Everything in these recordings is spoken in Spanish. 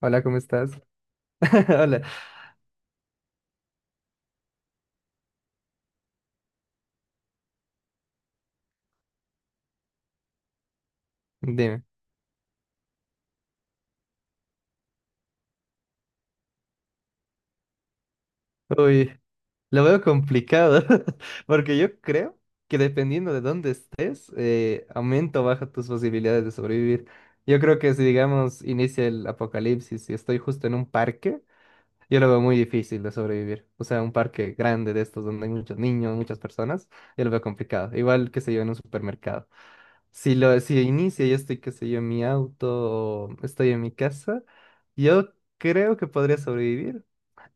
Hola, ¿cómo estás? Hola, dime. Uy, lo veo complicado, porque yo creo que dependiendo de dónde estés, aumenta o baja tus posibilidades de sobrevivir. Yo creo que si, digamos, inicia el apocalipsis y estoy justo en un parque, yo lo veo muy difícil de sobrevivir. O sea, un parque grande de estos donde hay muchos niños, muchas personas, yo lo veo complicado. Igual que se yo en un supermercado. Si inicia, yo estoy, qué sé yo, en mi auto o estoy en mi casa, yo creo que podría sobrevivir.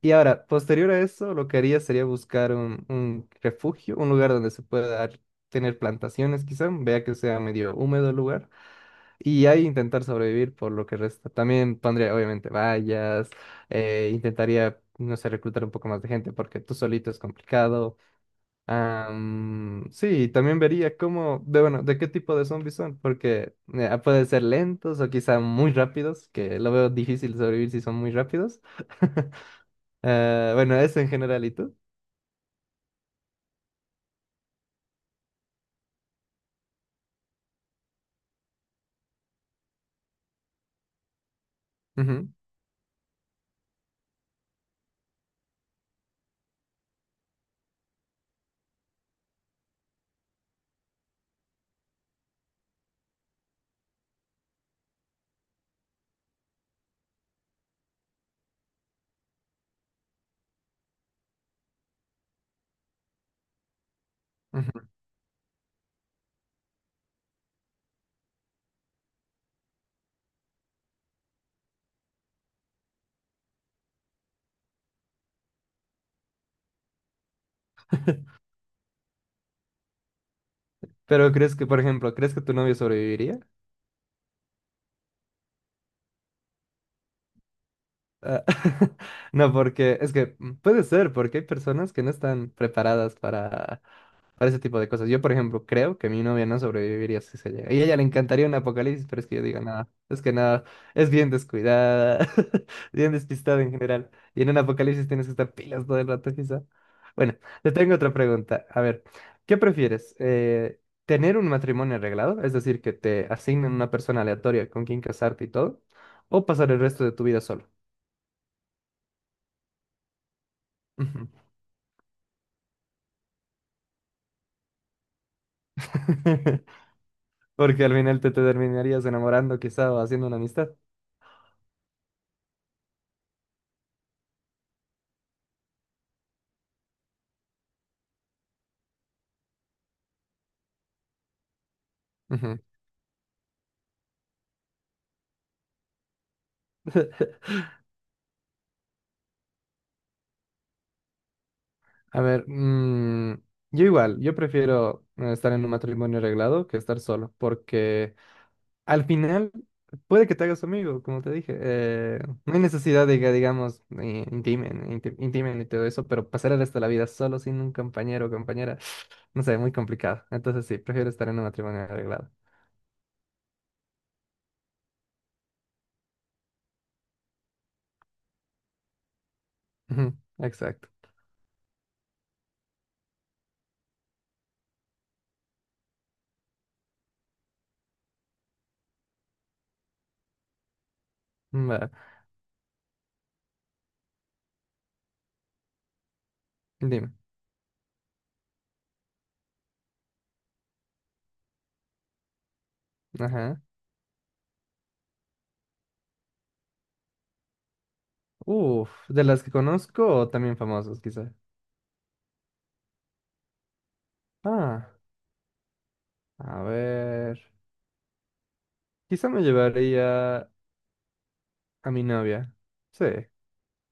Y ahora, posterior a eso, lo que haría sería buscar un refugio, un lugar donde se pueda tener plantaciones, quizá, vea que sea medio húmedo el lugar, y ahí intentar sobrevivir por lo que resta. También pondría, obviamente, vallas, intentaría, no sé, reclutar un poco más de gente, porque tú solito es complicado. Sí, también vería cómo, de, bueno, de qué tipo de zombies son, porque pueden ser lentos o quizá muy rápidos, que lo veo difícil sobrevivir si son muy rápidos. Ah, bueno, eso en general, ¿y tú? Ujú, ujú. Pero crees que, por ejemplo, ¿crees que tu novio sobreviviría? Ah, no, porque es que puede ser, porque hay personas que no están preparadas para ese tipo de cosas. Yo, por ejemplo, creo que mi novia no sobreviviría si se llega. Y a ella le encantaría un apocalipsis, pero es que yo digo, nada, es que nada, es bien descuidada, bien despistada en general. Y en un apocalipsis tienes que estar pilas todo el rato, quizá. Bueno, te tengo otra pregunta. A ver, ¿qué prefieres? ¿Tener un matrimonio arreglado? Es decir, que te asignen una persona aleatoria con quien casarte y todo, o pasar el resto de tu vida solo. Ujú. Porque al final te terminarías enamorando quizá o haciendo una amistad. Ujú. A ver, mm, yo igual, yo prefiero estar en un matrimonio arreglado que estar solo, porque al final puede que te hagas amigo, como te dije. No hay necesidad de que, digamos, intimen y todo eso, pero pasar el resto de la vida solo sin un compañero o compañera, no sé, muy complicado. Entonces sí, prefiero estar en un matrimonio arreglado. Ujú, exacto. Va, dime. Ajá. Uf, de las que conozco o también famosos, quizás. Ah, a ver. Quizá me llevaría a mi novia. Sí,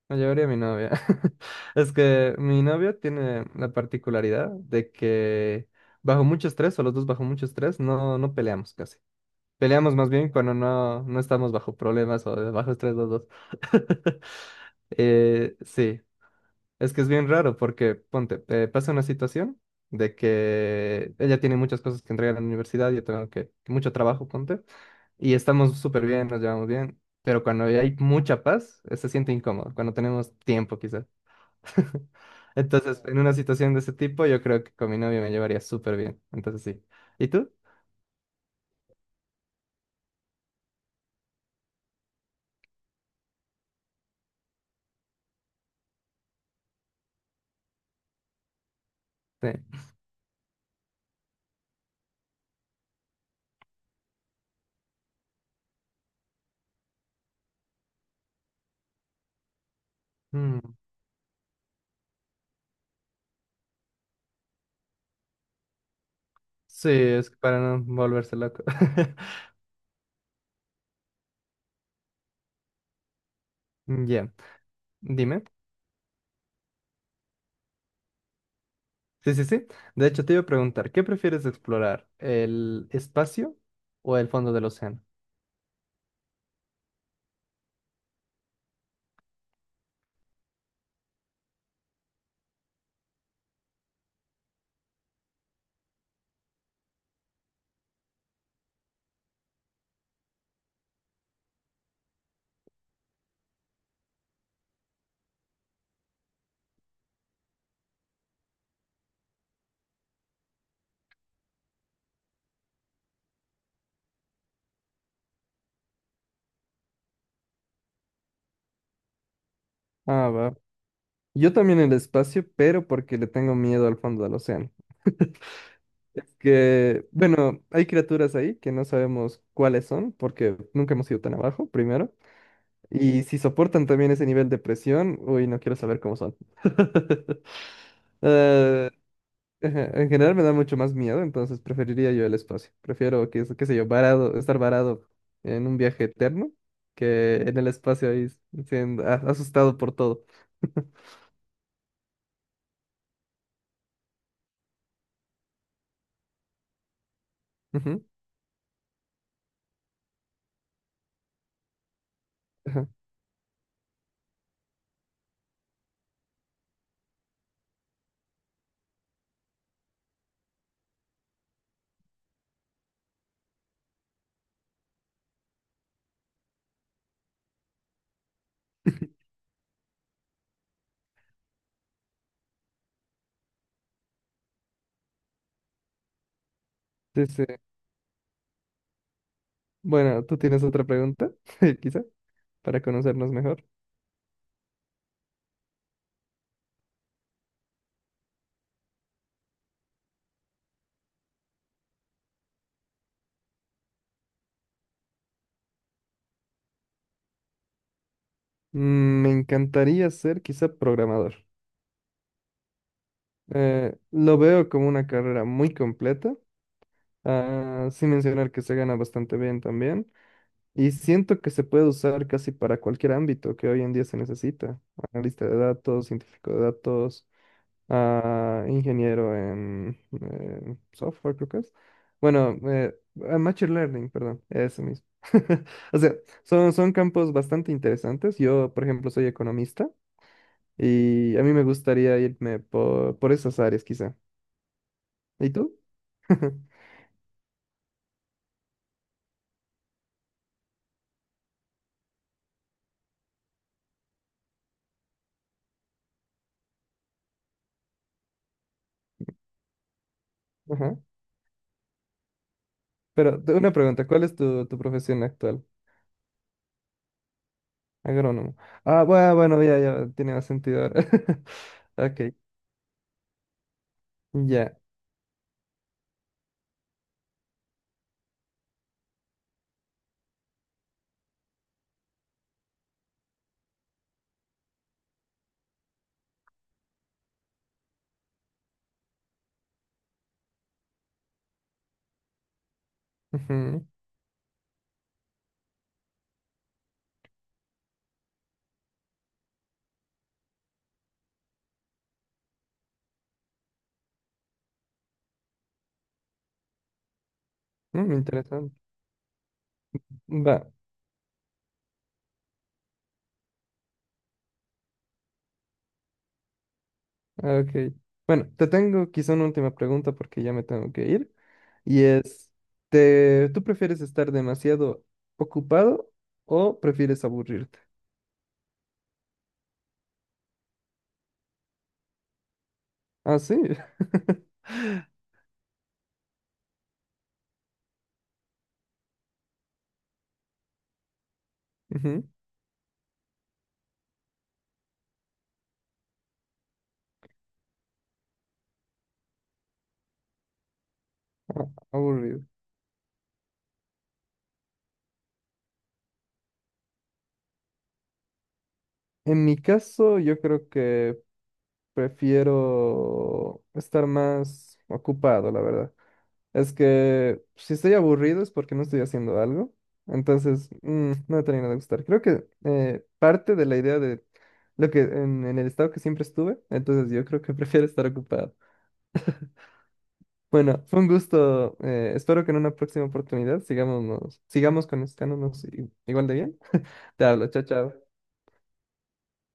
la llevaría a mi novia. Es que mi novia tiene la particularidad de que bajo mucho estrés, o los dos bajo mucho estrés, no peleamos casi. Peleamos más bien cuando no estamos bajo problemas o de bajo estrés los dos. Sí, es que es bien raro porque, ponte, pasa una situación de que ella tiene muchas cosas que entregar en la universidad, yo tengo que, mucho trabajo, ponte y estamos súper bien, nos llevamos bien, pero cuando hay mucha paz, se siente incómodo, cuando tenemos tiempo quizás. Entonces, en una situación de ese tipo, yo creo que con mi novio me llevaría súper bien. Entonces, sí. ¿Y tú? Sí. Mm, sí, es que para no volverse loco. Ya, dime. Sí, sí, sí. De hecho, te iba a preguntar, ¿qué prefieres explorar? ¿El espacio o el fondo del océano? Ah, va. Yo también el espacio, pero porque le tengo miedo al fondo del océano. Es que, bueno, hay criaturas ahí que no sabemos cuáles son porque nunca hemos ido tan abajo, primero. Y si soportan también ese nivel de presión, uy, no quiero saber cómo son. Eh, ajá, en general me da mucho más miedo, entonces preferiría yo el espacio. Prefiero, qué, qué sé yo, estar varado en un viaje eterno que en el espacio ahí siendo asustado por todo. Ujú, ajá. Sí, sí. Bueno, ¿tú tienes otra pregunta? Quizá, para conocernos mejor. Mm, me encantaría ser quizá programador. Lo veo como una carrera muy completa, ah, sin mencionar que se gana bastante bien también. Y siento que se puede usar casi para cualquier ámbito que hoy en día se necesita. Analista de datos, científico de datos, ah, ingeniero en software, creo que es. Bueno, ah, Machine Learning, perdón, eso mismo. O sea, son campos bastante interesantes. Yo, por ejemplo, soy economista. Y a mí me gustaría irme por esas áreas quizá. ¿Y tú? Ajá. Pero una pregunta, ¿cuál es tu, tu profesión actual? Agrónomo. Ah, bueno, bueno, ya, ya, tiene más sentido ahora. Ok, ya. Ujú, mm, interesante. Va, ok. Bueno, te tengo quizá una última pregunta porque ya me tengo que ir. Y es, ¿te, tú prefieres estar demasiado ocupado o prefieres aburrirte? Ah, sí. Ujú, aburrido. En mi caso, yo creo que prefiero estar más ocupado, la verdad. Es que si estoy aburrido es porque no estoy haciendo algo. Entonces, mm, no me termina de gustar. Creo que parte de la idea de lo que en el estado que siempre estuve, entonces yo creo que prefiero estar ocupado. Bueno, fue un gusto. Eh, espero que en una próxima oportunidad sigamos conectándonos igual de bien. Te hablo, chao, chao.